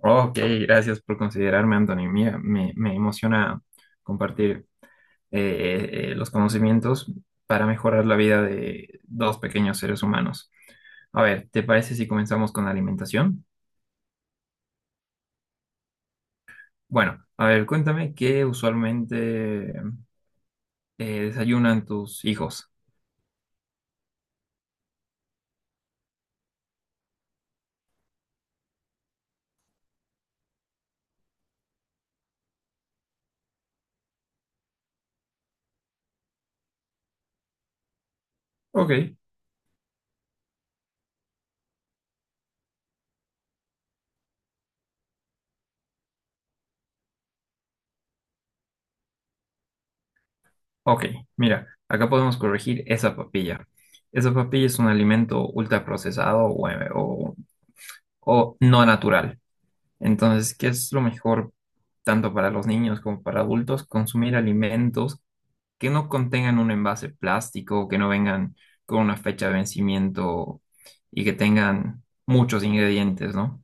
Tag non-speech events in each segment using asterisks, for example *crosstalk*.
Ok, gracias por considerarme, Anthony. Mira, me emociona compartir los conocimientos para mejorar la vida de dos pequeños seres humanos. A ver, ¿te parece si comenzamos con la alimentación? Bueno, a ver, cuéntame qué usualmente desayunan tus hijos. Ok, ok, mira, acá podemos corregir esa papilla. Esa papilla es un alimento ultraprocesado o o no natural. Entonces, ¿qué es lo mejor tanto para los niños como para adultos? Consumir alimentos que no contengan un envase plástico, que no vengan con una fecha de vencimiento y que tengan muchos ingredientes, ¿no?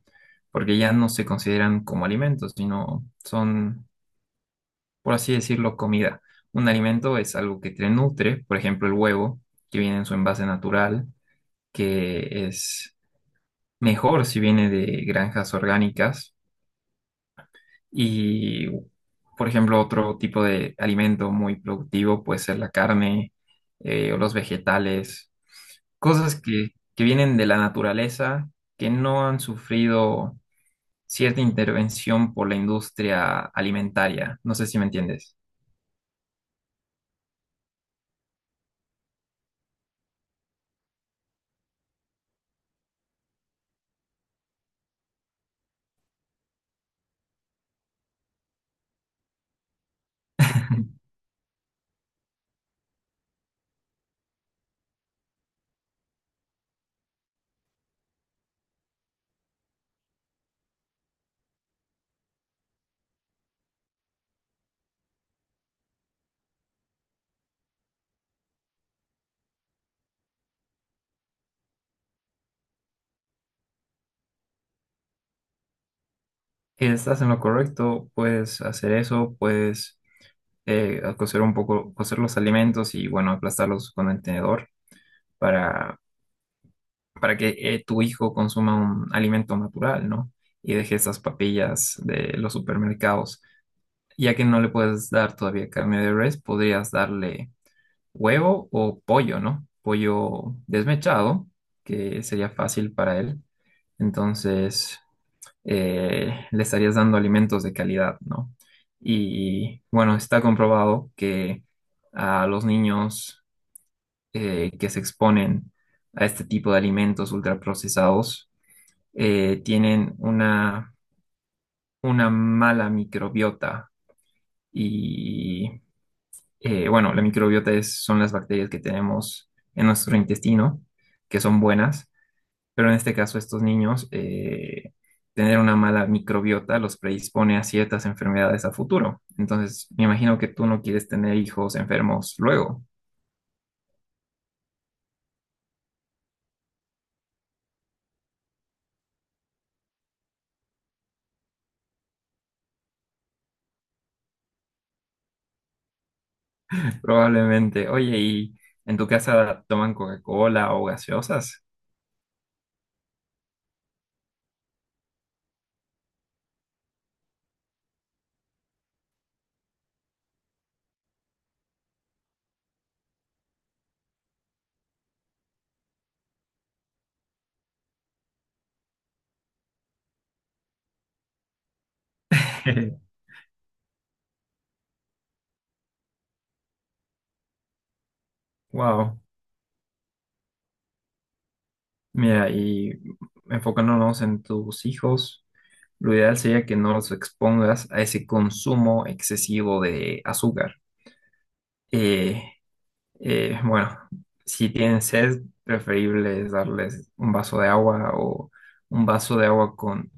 Porque ya no se consideran como alimentos, sino son, por así decirlo, comida. Un alimento es algo que te nutre, por ejemplo, el huevo, que viene en su envase natural, que es mejor si viene de granjas orgánicas. Y, por ejemplo, otro tipo de alimento muy productivo puede ser la carne o los vegetales, cosas que vienen de la naturaleza, que no han sufrido cierta intervención por la industria alimentaria. No sé si me entiendes. Estás en lo correcto, puedes hacer eso, puedes cocer un poco, cocer los alimentos y, bueno, aplastarlos con el tenedor para para que tu hijo consuma un alimento natural, ¿no? Y deje esas papillas de los supermercados. Ya que no le puedes dar todavía carne de res, podrías darle huevo o pollo, ¿no? Pollo desmechado, que sería fácil para él. Entonces, le estarías dando alimentos de calidad, ¿no? Y bueno, está comprobado que a los niños que se exponen a este tipo de alimentos ultraprocesados, tienen una mala microbiota y bueno, la microbiota son las bacterias que tenemos en nuestro intestino, que son buenas, pero en este caso estos niños, tener una mala microbiota los predispone a ciertas enfermedades a futuro. Entonces, me imagino que tú no quieres tener hijos enfermos luego, *laughs* probablemente. Oye, ¿y en tu casa toman Coca-Cola o gaseosas? *laughs* Wow. Mira, y enfocándonos en tus hijos, lo ideal sería que no los expongas a ese consumo excesivo de azúcar. Eh, bueno, si tienen sed, preferible es darles un vaso de agua o un vaso de agua con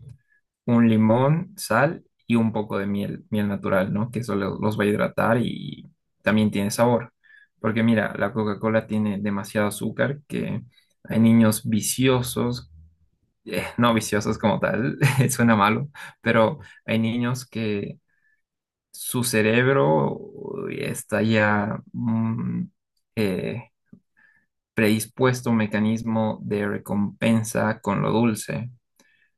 un limón, sal y un poco de miel, miel natural, ¿no? Que eso los va a hidratar y también tiene sabor. Porque mira, la Coca-Cola tiene demasiado azúcar que hay niños viciosos, no viciosos como tal, *laughs* suena malo, pero hay niños que su cerebro uy, está ya eh, predispuesto a un mecanismo de recompensa con lo dulce.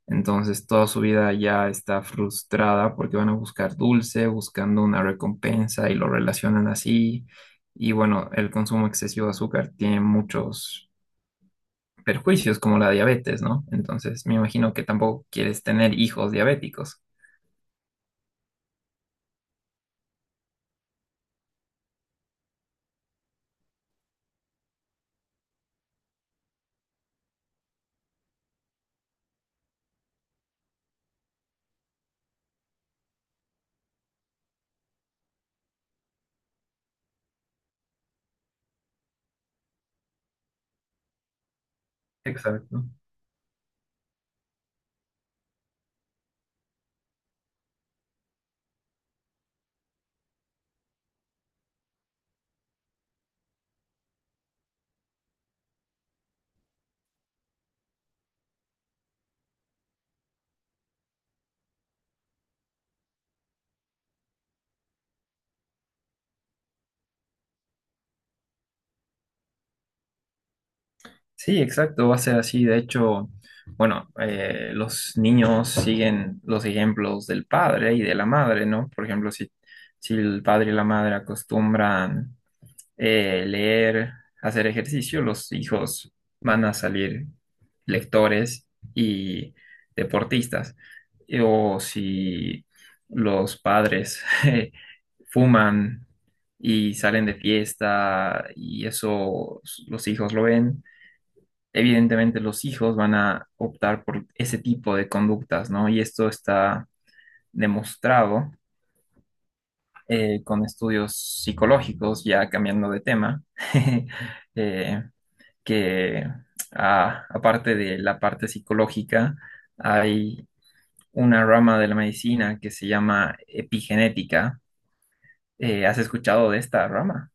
Entonces toda su vida ya está frustrada porque van a buscar dulce, buscando una recompensa y lo relacionan así. Y bueno, el consumo excesivo de azúcar tiene muchos perjuicios como la diabetes, ¿no? Entonces, me imagino que tampoco quieres tener hijos diabéticos. Exacto. Sí, exacto, va a ser así. De hecho, bueno, los niños siguen los ejemplos del padre y de la madre, ¿no? Por ejemplo, si el padre y la madre acostumbran leer, hacer ejercicio, los hijos van a salir lectores y deportistas. O si los padres *laughs* fuman y salen de fiesta y eso los hijos lo ven, evidentemente los hijos van a optar por ese tipo de conductas, ¿no? Y esto está demostrado con estudios psicológicos, ya cambiando de tema. *laughs* eh, que aparte de la parte psicológica, hay una rama de la medicina que se llama epigenética. ¿Has escuchado de esta rama?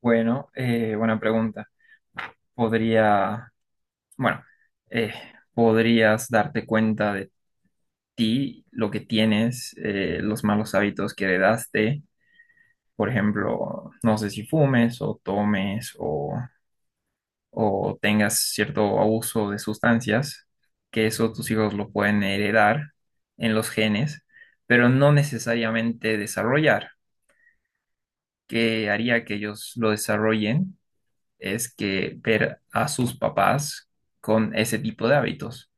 Bueno, buena pregunta. Podría, bueno, eh, podrías darte cuenta de ti, lo que tienes, los malos hábitos que heredaste. Por ejemplo, no sé si fumes o tomes o tengas cierto abuso de sustancias, que eso tus hijos lo pueden heredar en los genes, pero no necesariamente desarrollar. Que haría que ellos lo desarrollen es que ver a sus papás con ese tipo de hábitos.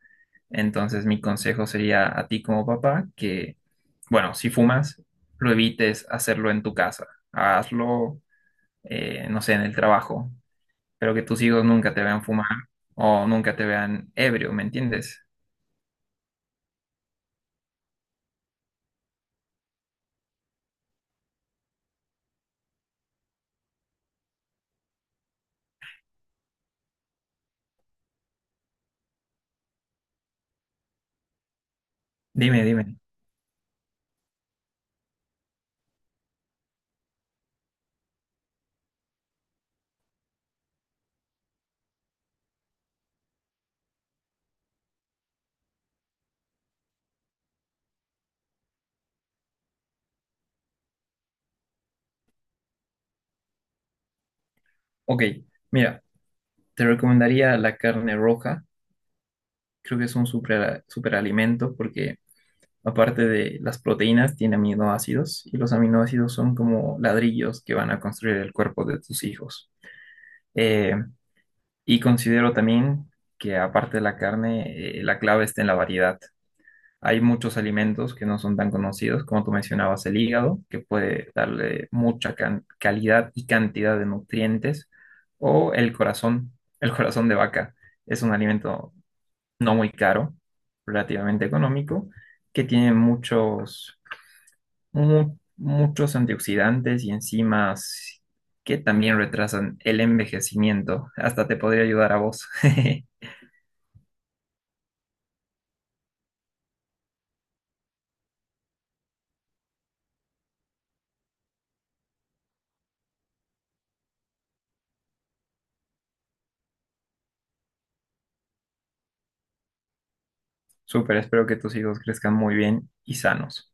Entonces, mi consejo sería a ti como papá que, bueno, si fumas, lo evites hacerlo en tu casa, hazlo, no sé, en el trabajo, pero que tus hijos nunca te vean fumar o nunca te vean ebrio, ¿me entiendes? Dime, dime. Ok, mira, te recomendaría la carne roja. Creo que es un super, superalimento porque aparte de las proteínas, tiene aminoácidos y los aminoácidos son como ladrillos que van a construir el cuerpo de tus hijos. Eh, y considero también que aparte de la carne, la clave está en la variedad. Hay muchos alimentos que no son tan conocidos, como tú mencionabas, el hígado, que puede darle mucha calidad y cantidad de nutrientes, o el corazón, el *laughs* corazón de vaca. Es un alimento no muy caro, relativamente económico, que tiene muchos, muchos antioxidantes y enzimas que también retrasan el envejecimiento. Hasta te podría ayudar a vos. *laughs* Súper, espero que tus hijos crezcan muy bien y sanos.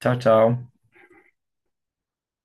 Chao, chao.